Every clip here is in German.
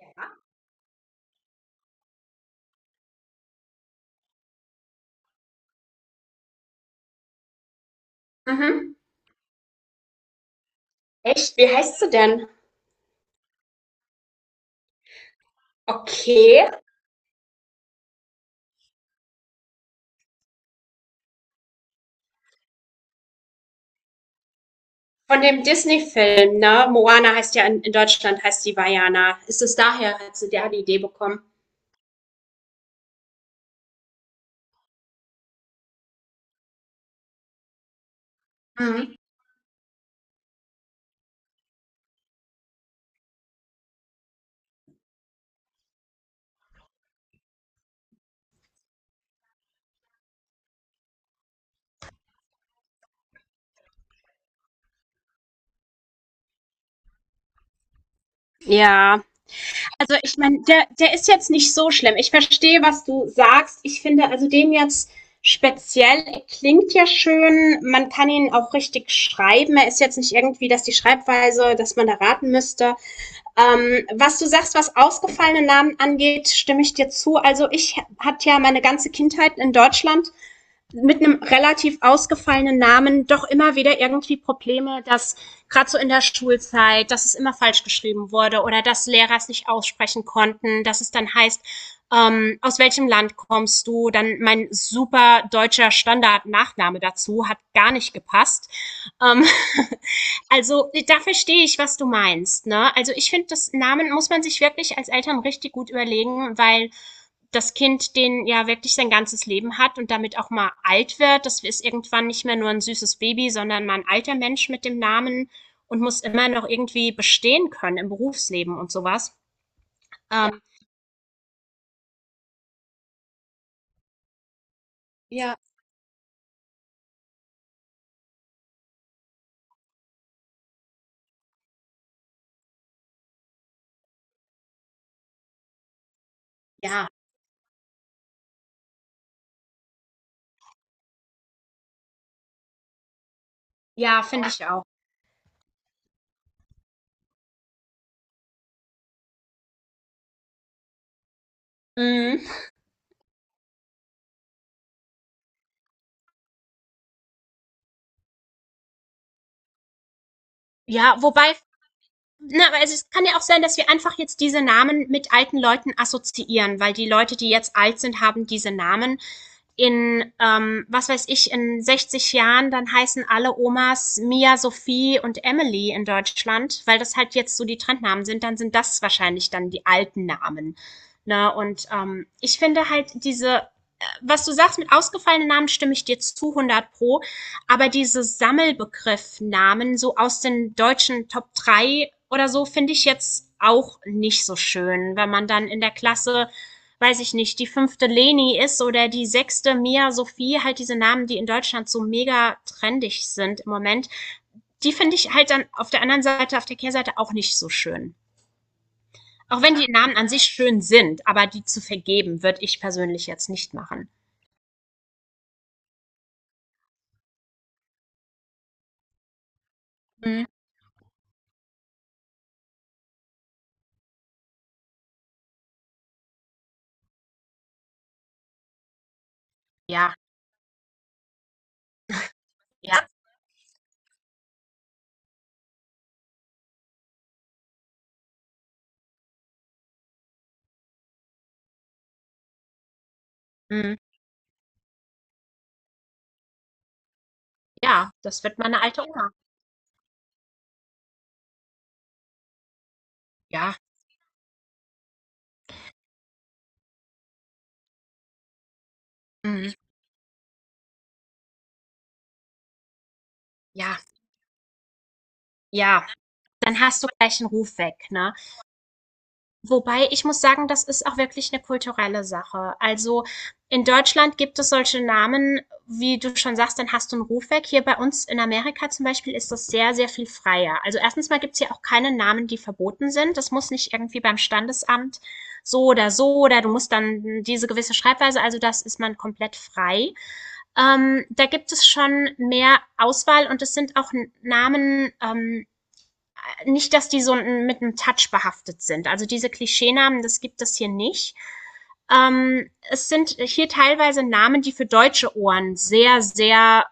Ja. Mhm. Echt? Wie heißt sie denn? Okay. Von dem Disney-Film, ne? Moana heißt ja in Deutschland, heißt die Vajana. Ist es daher, hat sie der die Idee bekommen? Mhm. Ja, also ich meine, der ist jetzt nicht so schlimm. Ich verstehe, was du sagst. Ich finde also den jetzt speziell, er klingt ja schön. Man kann ihn auch richtig schreiben. Er ist jetzt nicht irgendwie, dass die Schreibweise, dass man da raten müsste. Was du sagst, was ausgefallene Namen angeht, stimme ich dir zu. Also ich hatte ja meine ganze Kindheit in Deutschland mit einem relativ ausgefallenen Namen doch immer wieder irgendwie Probleme, dass gerade so in der Schulzeit, dass es immer falsch geschrieben wurde oder dass Lehrer es nicht aussprechen konnten, dass es dann heißt, aus welchem Land kommst du? Dann mein super deutscher Standard-Nachname dazu hat gar nicht gepasst. Ähm, also da verstehe ich, was du meinst. Ne? Also ich finde, das Namen muss man sich wirklich als Eltern richtig gut überlegen, weil das Kind den ja wirklich sein ganzes Leben hat und damit auch mal alt wird. Das ist irgendwann nicht mehr nur ein süßes Baby, sondern mal ein alter Mensch mit dem Namen und muss immer noch irgendwie bestehen können im Berufsleben und sowas. Ähm, Ja, ja, ja, finde ich auch. Mhm. Ja, wobei, na, also es kann ja auch sein, dass wir einfach jetzt diese Namen mit alten Leuten assoziieren, weil die Leute, die jetzt alt sind, haben diese Namen in, was weiß ich, in 60 Jahren dann heißen alle Omas Mia, Sophie und Emily in Deutschland, weil das halt jetzt so die Trendnamen sind, dann sind das wahrscheinlich dann die alten Namen. Ne? Und ich finde halt diese, was du sagst mit ausgefallenen Namen, stimme ich dir zu 100 pro, aber diese Sammelbegriffnamen so aus den deutschen Top 3 oder so finde ich jetzt auch nicht so schön, wenn man dann in der Klasse weiß ich nicht, die fünfte Leni ist oder die sechste Mia Sophie, halt diese Namen, die in Deutschland so mega trendig sind im Moment, die finde ich halt dann auf der anderen Seite, auf der Kehrseite auch nicht so schön. Auch wenn die Namen an sich schön sind, aber die zu vergeben, würde ich persönlich jetzt nicht machen. Mhm. Ja, ja, mhm. Ja, das wird meine alte Oma. Ja, mhm. Ja, ja. Dann hast du gleich einen Ruf weg, ne? Wobei, ich muss sagen, das ist auch wirklich eine kulturelle Sache. Also, in Deutschland gibt es solche Namen, wie du schon sagst, dann hast du einen Ruf weg. Hier bei uns in Amerika zum Beispiel ist das sehr, sehr viel freier. Also, erstens mal gibt's hier auch keine Namen, die verboten sind. Das muss nicht irgendwie beim Standesamt so oder so oder du musst dann diese gewisse Schreibweise, also das ist man komplett frei. Da gibt es schon mehr Auswahl und es sind auch Namen, nicht, dass die so mit einem Touch behaftet sind. Also diese Klischeenamen, das gibt es hier nicht. Es sind hier teilweise Namen, die für deutsche Ohren sehr, sehr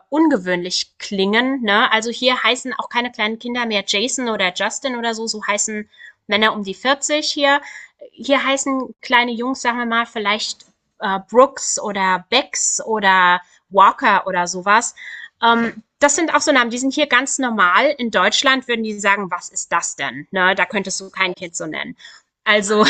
ungewöhnlich klingen. Ne? Also hier heißen auch keine kleinen Kinder mehr Jason oder Justin oder so. So heißen Männer um die 40 hier. Hier heißen kleine Jungs, sagen wir mal, vielleicht Brooks oder Becks oder Walker oder sowas. Das sind auch so Namen, die sind hier ganz normal. In Deutschland würden die sagen, was ist das denn? Ne, da könntest du kein Kind so nennen. Also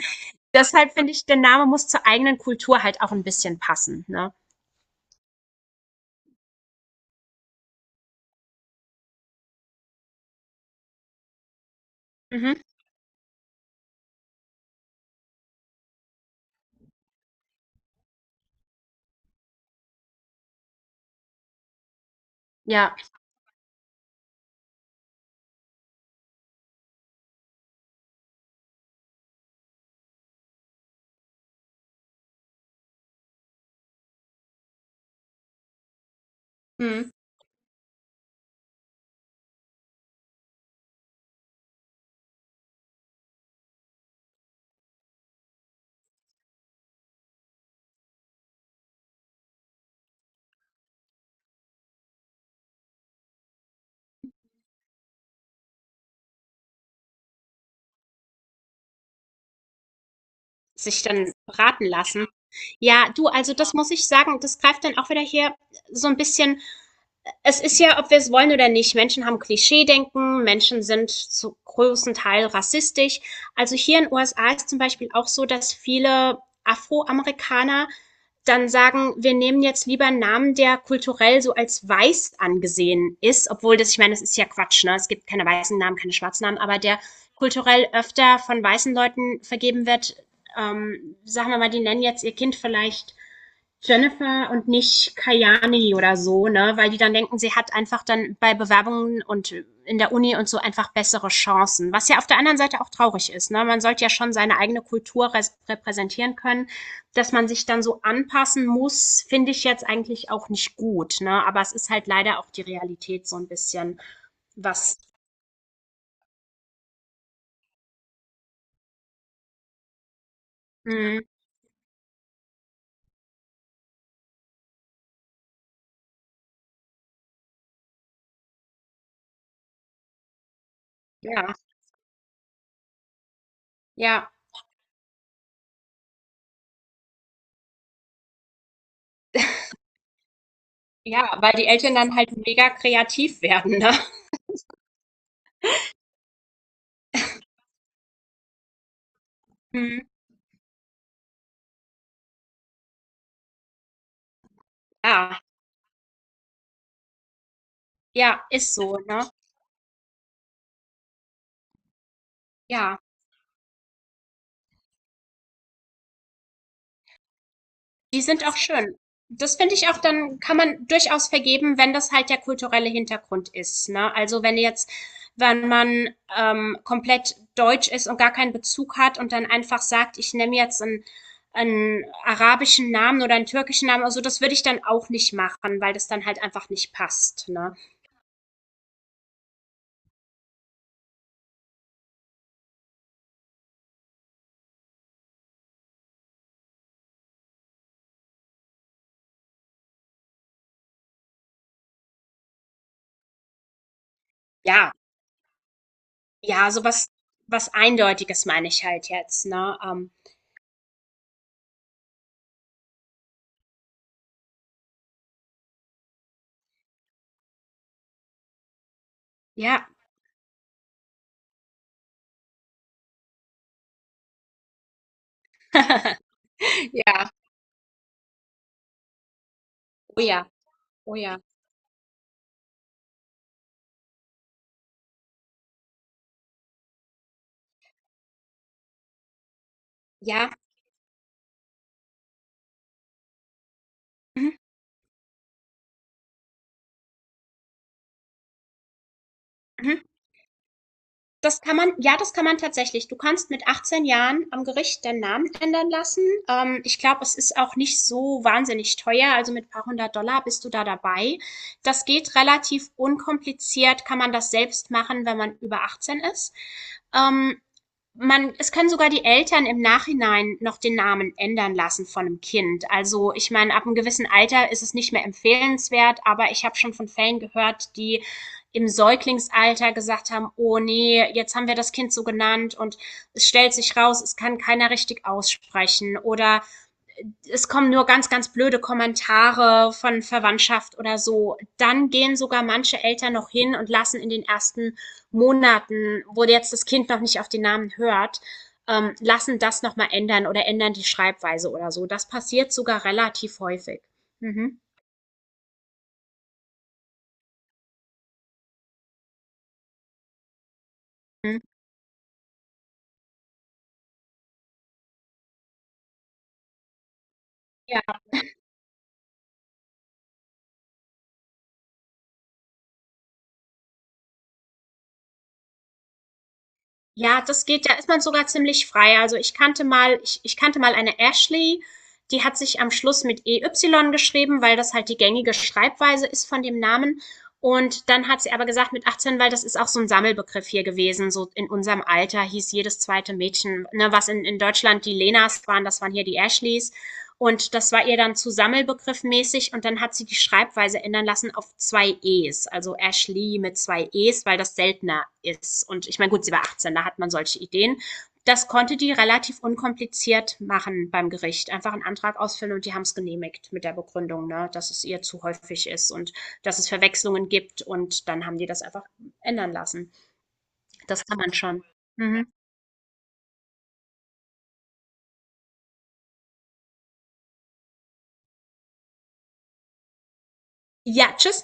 deshalb finde ich, der Name muss zur eigenen Kultur halt auch ein bisschen passen. Ne? Mhm. Ja. Mhm. Sich dann beraten lassen. Ja, du, also das muss ich sagen, das greift dann auch wieder hier so ein bisschen, es ist ja, ob wir es wollen oder nicht, Menschen haben Klischeedenken, Menschen sind zu großen Teil rassistisch. Also hier in den USA ist zum Beispiel auch so, dass viele Afroamerikaner dann sagen, wir nehmen jetzt lieber einen Namen, der kulturell so als weiß angesehen ist, obwohl das, ich meine, das ist ja Quatsch, ne? Es gibt keine weißen Namen, keine schwarzen Namen, aber der kulturell öfter von weißen Leuten vergeben wird. Sagen wir mal, die nennen jetzt ihr Kind vielleicht Jennifer und nicht Kayani oder so, ne? Weil die dann denken, sie hat einfach dann bei Bewerbungen und in der Uni und so einfach bessere Chancen. Was ja auf der anderen Seite auch traurig ist, ne? Man sollte ja schon seine eigene Kultur repräsentieren können. Dass man sich dann so anpassen muss, finde ich jetzt eigentlich auch nicht gut, ne? Aber es ist halt leider auch die Realität so ein bisschen, was, mh, ja, ja, ja, weil die Eltern dann halt mega kreativ werden, ne? Mhm. Ja, ja, ist so, ne? Ja. Die sind auch schön. Das finde ich auch, dann kann man durchaus vergeben, wenn das halt der kulturelle Hintergrund ist, ne? Also wenn jetzt, wenn man komplett deutsch ist und gar keinen Bezug hat und dann einfach sagt, ich nehme jetzt einen, einen arabischen Namen oder einen türkischen Namen, also das würde ich dann auch nicht machen, weil das dann halt einfach nicht passt, ne? Ja, ja, sowas, was Eindeutiges meine ich halt jetzt, ne? Ja. Ja, oh ja, oh ja. Ja. Mhm. Mhm. Das kann man ja, das kann man tatsächlich. Du kannst mit 18 Jahren am Gericht deinen Namen ändern lassen. Ich glaube, es ist auch nicht so wahnsinnig teuer. Also mit ein paar hundert Dollar bist du da dabei. Das geht relativ unkompliziert, kann man das selbst machen, wenn man über 18 ist. Ähm, Man, es können sogar die Eltern im Nachhinein noch den Namen ändern lassen von einem Kind. Also ich meine, ab einem gewissen Alter ist es nicht mehr empfehlenswert, aber ich habe schon von Fällen gehört, die im Säuglingsalter gesagt haben, oh nee, jetzt haben wir das Kind so genannt und es stellt sich raus, es kann keiner richtig aussprechen oder es kommen nur ganz, ganz blöde Kommentare von Verwandtschaft oder so. Dann gehen sogar manche Eltern noch hin und lassen in den ersten Monaten, wo jetzt das Kind noch nicht auf den Namen hört, lassen das nochmal ändern oder ändern die Schreibweise oder so. Das passiert sogar relativ häufig. Mhm. Mhm. Ja. Ja, das geht, da ist man sogar ziemlich frei. Also, ich kannte mal eine Ashley, die hat sich am Schluss mit EY geschrieben, weil das halt die gängige Schreibweise ist von dem Namen. Und dann hat sie aber gesagt mit 18, weil das ist auch so ein Sammelbegriff hier gewesen, so in unserem Alter hieß jedes zweite Mädchen, ne, was in Deutschland die Lenas waren, das waren hier die Ashleys. Und das war ihr dann zu sammelbegriffmäßig und dann hat sie die Schreibweise ändern lassen auf zwei E's, also Ashley mit zwei E's, weil das seltener ist. Und ich meine, gut, sie war 18, da hat man solche Ideen. Das konnte die relativ unkompliziert machen beim Gericht. Einfach einen Antrag ausfüllen und die haben es genehmigt mit der Begründung, ne, dass es ihr zu häufig ist und dass es Verwechslungen gibt. Und dann haben die das einfach ändern lassen. Das kann man schon. Mhm. Ja, tschüss.